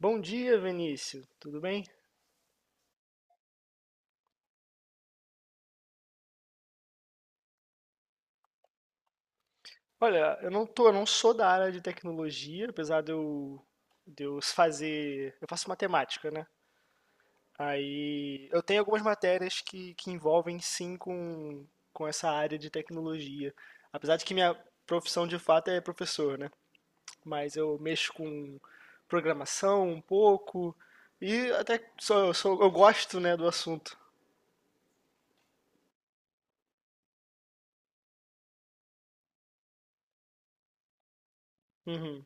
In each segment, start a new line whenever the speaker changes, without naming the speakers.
Bom dia, Vinícius. Tudo bem? Olha, eu não sou da área de tecnologia, apesar de eu faço matemática, né? Aí eu tenho algumas matérias que envolvem sim com essa área de tecnologia. Apesar de que minha profissão de fato é professor, né? Mas eu mexo com programação um pouco e até sou, eu gosto, né, do assunto. Uhum.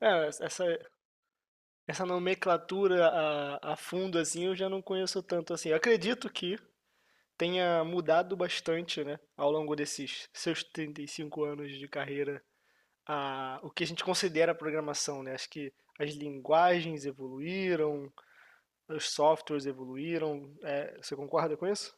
É, essa, Essa nomenclatura a fundo, assim, eu já não conheço tanto assim. Eu acredito que tenha mudado bastante, né, ao longo desses seus 35 anos de carreira, o que a gente considera programação, né? Acho que as linguagens evoluíram, os softwares evoluíram. É, você concorda com isso?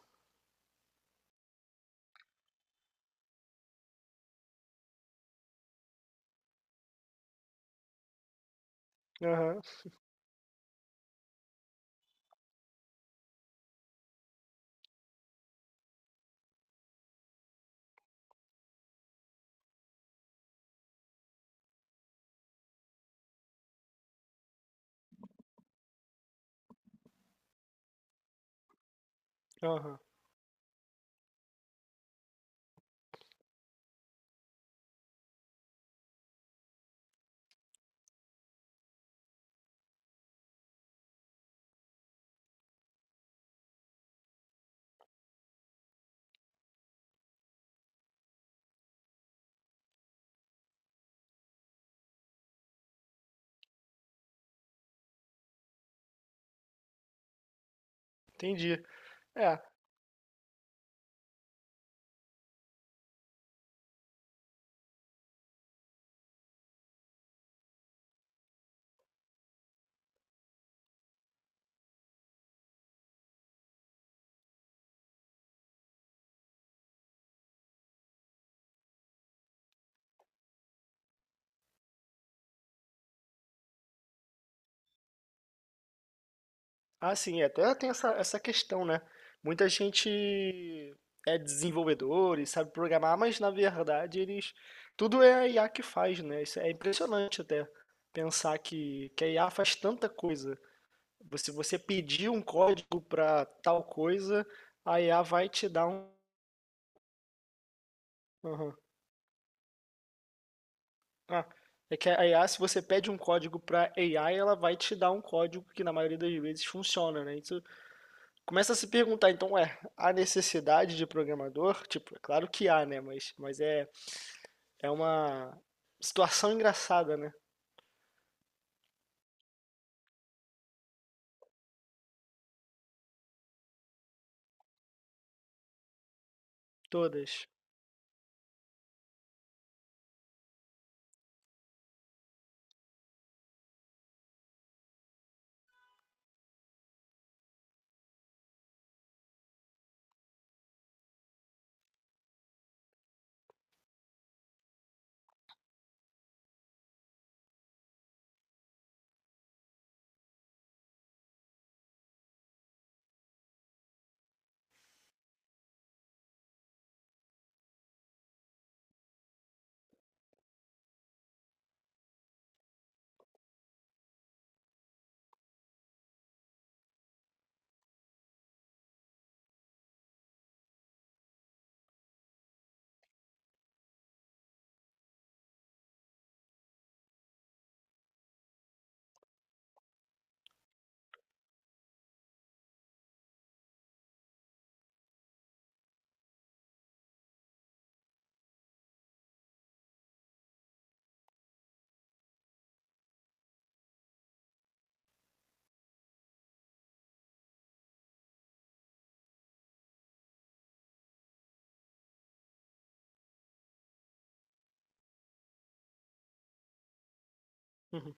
Aham, aham, entendi. É, Ah, sim, é, até tem essa questão, né? Muita gente é desenvolvedor e sabe programar, mas na verdade eles. Tudo é a IA que faz, né? Isso é impressionante até pensar que a IA faz tanta coisa. Se você pedir um código para tal coisa, a IA vai te dar um. Aham. Ah, é que a IA, se você pede um código para AI, ela vai te dar um código que na maioria das vezes funciona, né? Isso começa a se perguntar, então, é há necessidade de programador? Tipo, é claro que há, né? Mas é uma situação engraçada, né? Todas. Uhum.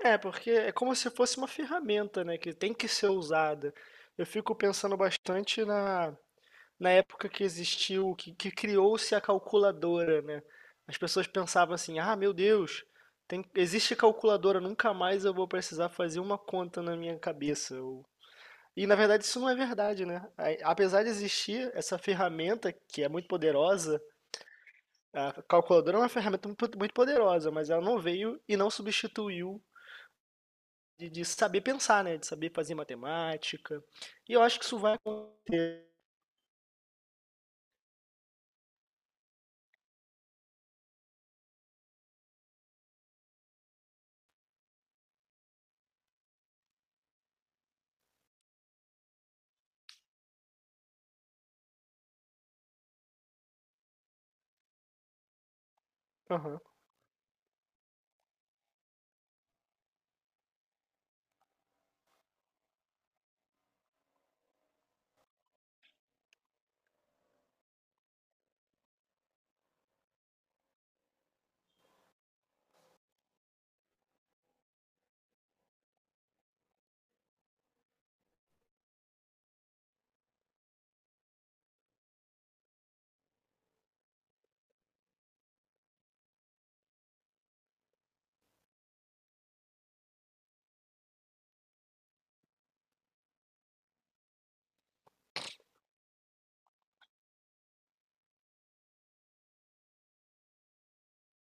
É, porque é como se fosse uma ferramenta, né? Que tem que ser usada. Eu fico pensando bastante na época que existiu, que criou-se a calculadora, né? As pessoas pensavam assim, ah, meu Deus, tem, existe calculadora, nunca mais eu vou precisar fazer uma conta na minha cabeça. Ou e na verdade isso não é verdade, né? A- Apesar de existir essa ferramenta que é muito poderosa, a calculadora é uma ferramenta muito muito poderosa, mas ela não veio e não substituiu de saber pensar, né? De saber fazer matemática. E eu acho que isso vai acontecer. Aham.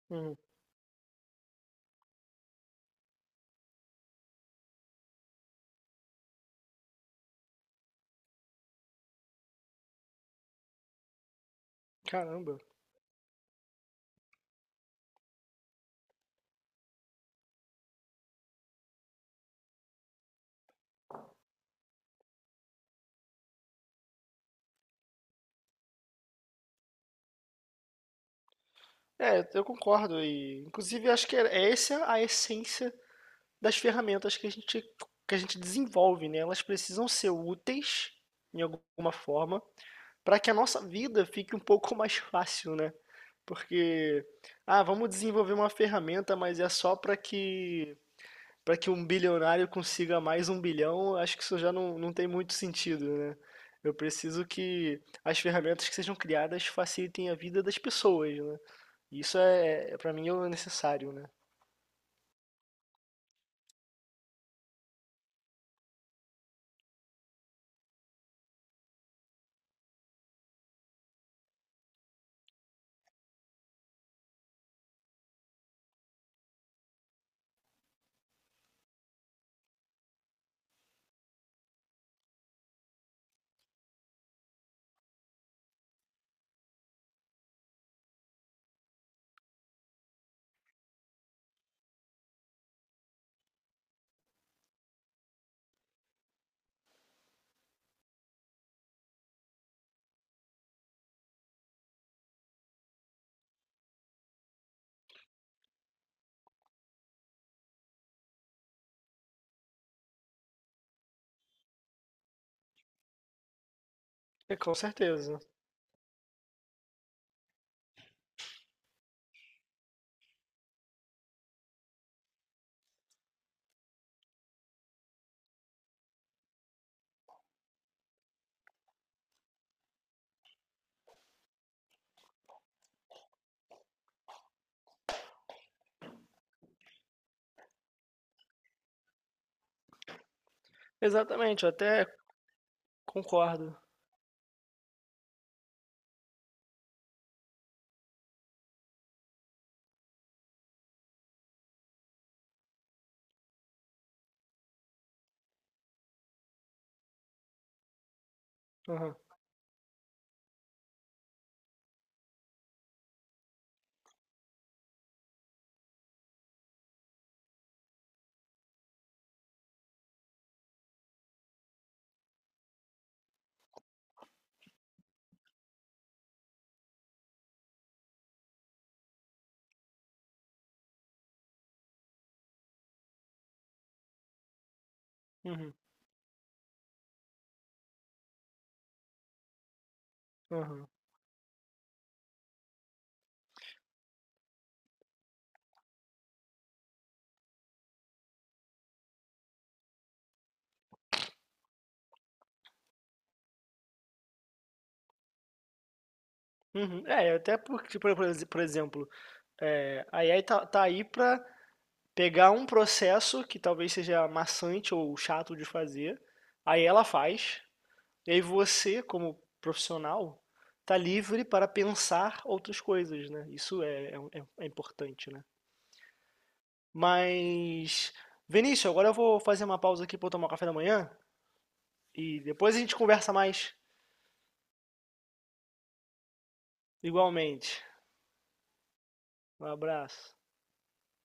Uhum. Caramba. É, eu concordo. E, inclusive, acho que é essa a essência das ferramentas que que a gente desenvolve, né? Elas precisam ser úteis em alguma forma para que a nossa vida fique um pouco mais fácil, né? Porque, ah, vamos desenvolver uma ferramenta, mas é só para que um bilionário consiga mais um bilhão, acho que isso já não tem muito sentido, né? Eu preciso que as ferramentas que sejam criadas facilitem a vida das pessoas, né? Isso é, para mim, é o necessário, né? É, com certeza. Exatamente, eu até concordo. Aham, uhum, uhum, uhum. É, até porque, por exemplo, é, a AI tá aí para pegar um processo que talvez seja maçante ou chato de fazer, aí ela faz, e aí você, como profissional, tá livre para pensar outras coisas, né? É importante, né? Mas, Vinícius, agora eu vou fazer uma pausa aqui para eu tomar um café da manhã e depois a gente conversa mais, igualmente. Um abraço.